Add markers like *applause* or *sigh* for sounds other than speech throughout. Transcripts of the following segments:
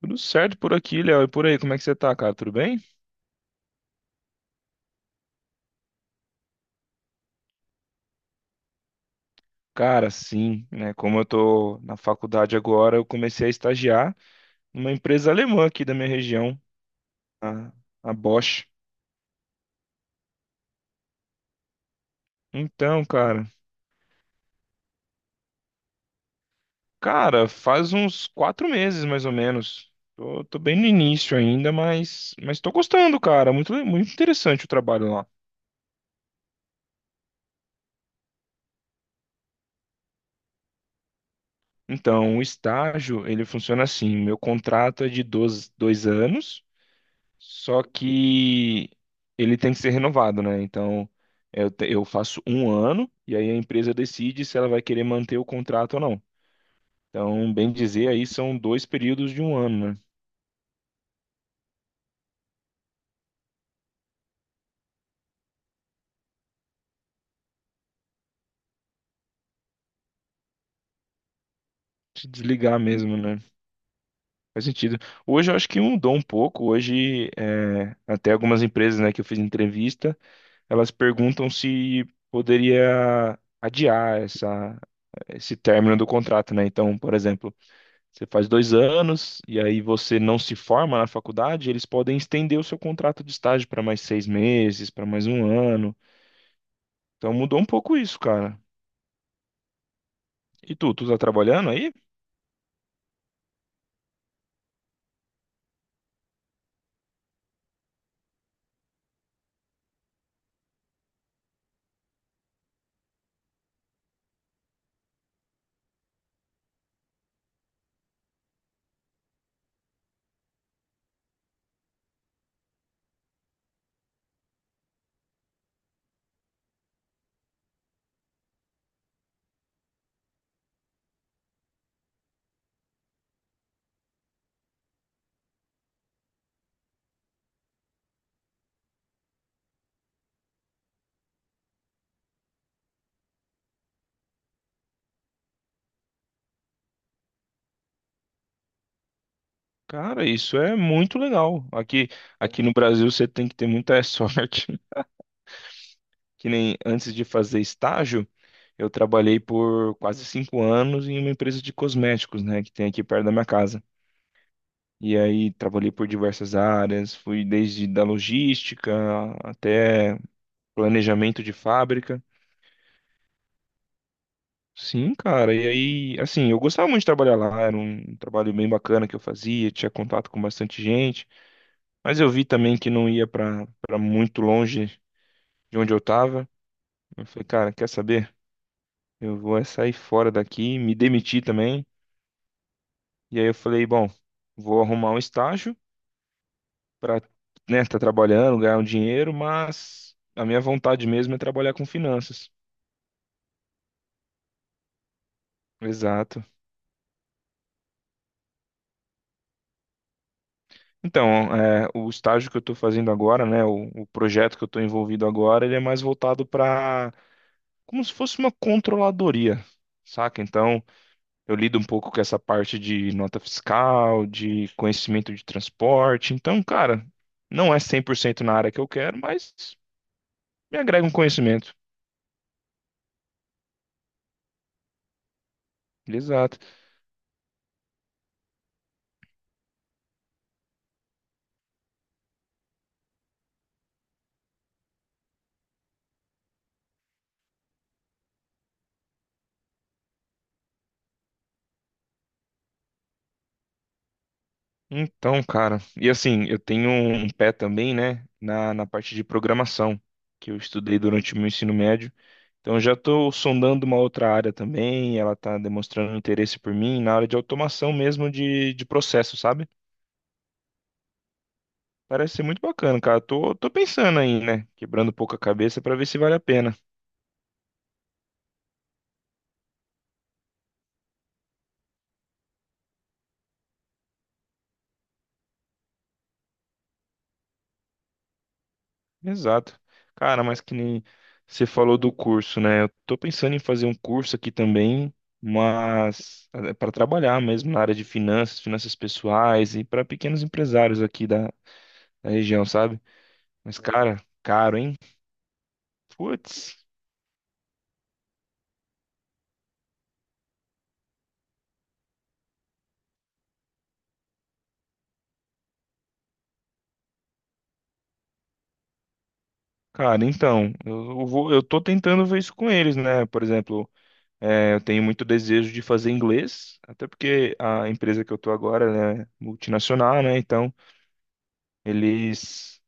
Tudo certo por aqui, Léo. E por aí, como é que você tá, cara? Tudo bem? Cara, sim, né? Como eu tô na faculdade agora, eu comecei a estagiar numa empresa alemã aqui da minha região, a, a Bosch. Então, cara, faz uns 4 meses mais ou menos. Tô bem no início ainda, mas tô gostando, cara. Muito, muito interessante o trabalho lá. Então, o estágio, ele funciona assim: meu contrato é de 12, 2 anos. Só que ele tem que ser renovado, né? Então, eu faço um ano e aí a empresa decide se ela vai querer manter o contrato ou não. Então, bem dizer, aí são dois períodos de um ano, né? Se desligar mesmo, né? Faz sentido. Hoje eu acho que mudou um pouco. Hoje, é, até algumas empresas, né, que eu fiz entrevista, elas perguntam se poderia adiar esse término do contrato, né? Então, por exemplo. Você faz 2 anos e aí você não se forma na faculdade, eles podem estender o seu contrato de estágio para mais 6 meses, para mais um ano. Então mudou um pouco isso, cara. E tu tá trabalhando aí? Cara, isso é muito legal. Aqui no Brasil você tem que ter muita *laughs* sorte. Que nem antes de fazer estágio, eu trabalhei por quase 5 anos em uma empresa de cosméticos, né, que tem aqui perto da minha casa. E aí trabalhei por diversas áreas, fui desde da logística até planejamento de fábrica. Sim, cara. E aí, assim, eu gostava muito de trabalhar lá, era um trabalho bem bacana que eu fazia, tinha contato com bastante gente, mas eu vi também que não ia para muito longe de onde eu tava. Eu falei, cara, quer saber? Eu vou é sair fora daqui, me demiti também. E aí eu falei, bom, vou arrumar um estágio para, né, tá trabalhando, ganhar um dinheiro, mas a minha vontade mesmo é trabalhar com finanças. Exato. Então, é, o estágio que eu estou fazendo agora, né, o projeto que eu estou envolvido agora, ele é mais voltado para como se fosse uma controladoria, saca? Então, eu lido um pouco com essa parte de nota fiscal, de conhecimento de transporte. Então, cara, não é 100% na área que eu quero, mas me agrega um conhecimento. Exato. Então, cara, e assim, eu tenho um pé também, né, na parte de programação, que eu estudei durante o meu ensino médio. Então já estou sondando uma outra área também, ela está demonstrando interesse por mim na área de automação mesmo de processo, sabe? Parece ser muito bacana, cara. Tô pensando aí, né? Quebrando um pouco a cabeça para ver se vale a pena. Exato. Cara, mas que nem você falou do curso, né? Eu tô pensando em fazer um curso aqui também, mas para trabalhar mesmo na área de finanças, finanças pessoais e para pequenos empresários aqui da região, sabe? Mas, cara, caro, hein? Putz. Cara, então, eu tô tentando ver isso com eles, né? Por exemplo, é, eu tenho muito desejo de fazer inglês, até porque a empresa que eu tô agora, ela é multinacional, né? Então, eles,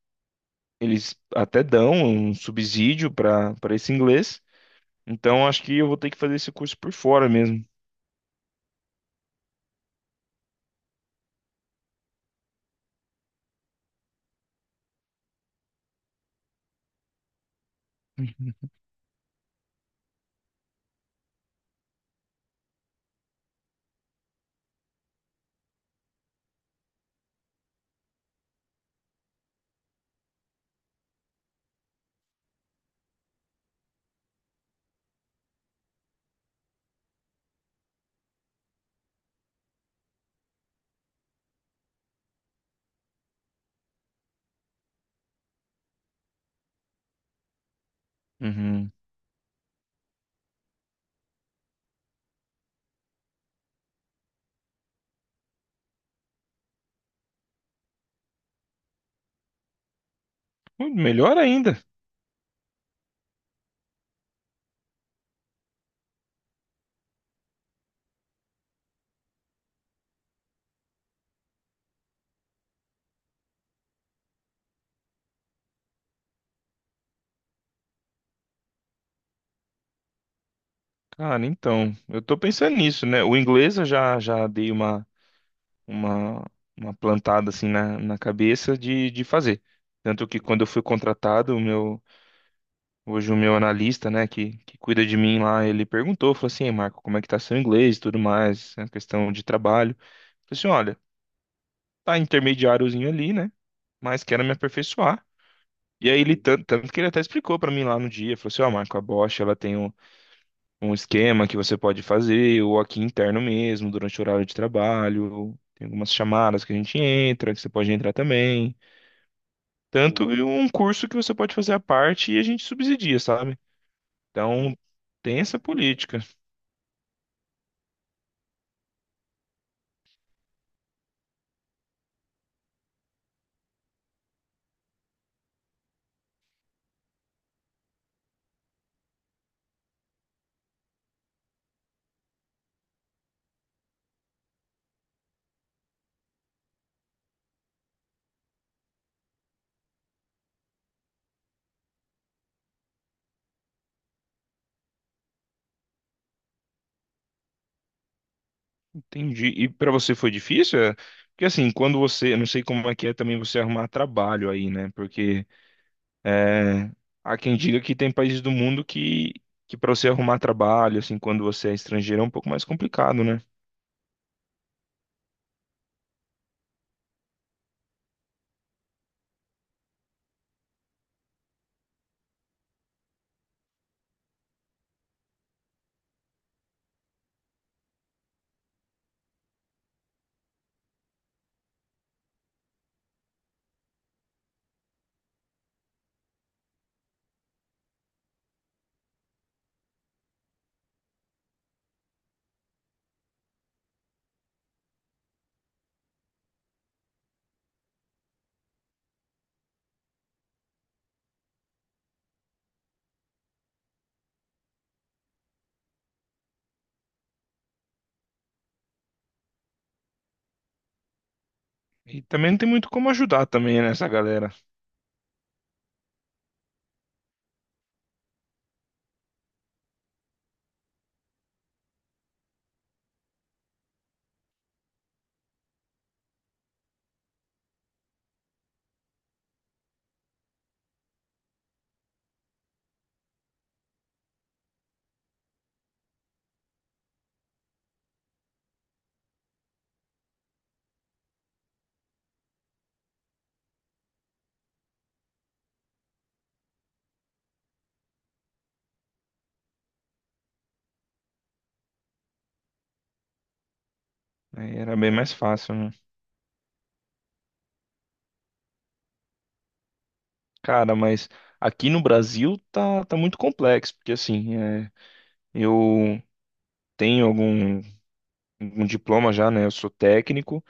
eles até dão um subsídio para esse inglês. Então, acho que eu vou ter que fazer esse curso por fora mesmo. *laughs* Uhum. Uhum. Melhor ainda. Cara, então, eu tô pensando nisso, né? O inglês eu já dei uma, uma plantada assim na cabeça de fazer. Tanto que quando eu fui contratado, hoje o meu analista, né, que cuida de mim lá, ele perguntou, falou assim, "Ei, Marco, como é que tá seu inglês e tudo mais, a questão de trabalho. Falei assim, olha, tá intermediáriozinho ali, né, mas quero me aperfeiçoar. E aí ele, tanto que ele até explicou pra mim lá no dia, falou assim, ó, Marco, a Bosch, ela tem um esquema que você pode fazer, ou aqui interno mesmo, durante o horário de trabalho, tem algumas chamadas que a gente entra, que você pode entrar também, tanto e um curso que você pode fazer à parte e a gente subsidia, sabe? Então, tem essa política. Entendi. E para você foi difícil? É? Porque assim, quando você, eu não sei como é que é também você arrumar trabalho aí, né? Porque é, há quem diga que tem países do mundo que para você arrumar trabalho, assim, quando você é estrangeiro é um pouco mais complicado, né? E também não tem muito como ajudar também né, essa galera. Aí era bem mais fácil, né? Cara, mas aqui no Brasil tá muito complexo, porque assim, é, eu tenho algum diploma já, né? Eu sou técnico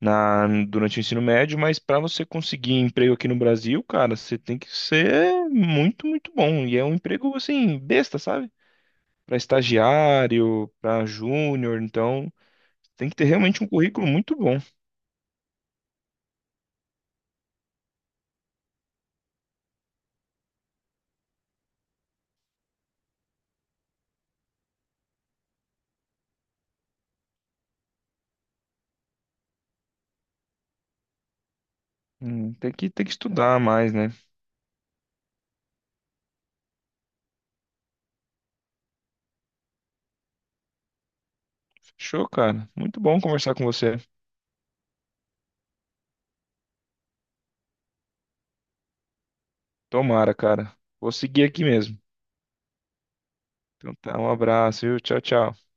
durante o ensino médio, mas para você conseguir emprego aqui no Brasil, cara, você tem que ser muito, muito bom. E é um emprego, assim, besta, sabe? Para estagiário, para júnior, então tem que ter realmente um currículo muito bom. Tem que estudar mais, né? Show, cara. Muito bom conversar com você. Tomara, cara. Vou seguir aqui mesmo. Então tá, um abraço, viu? Tchau, tchau.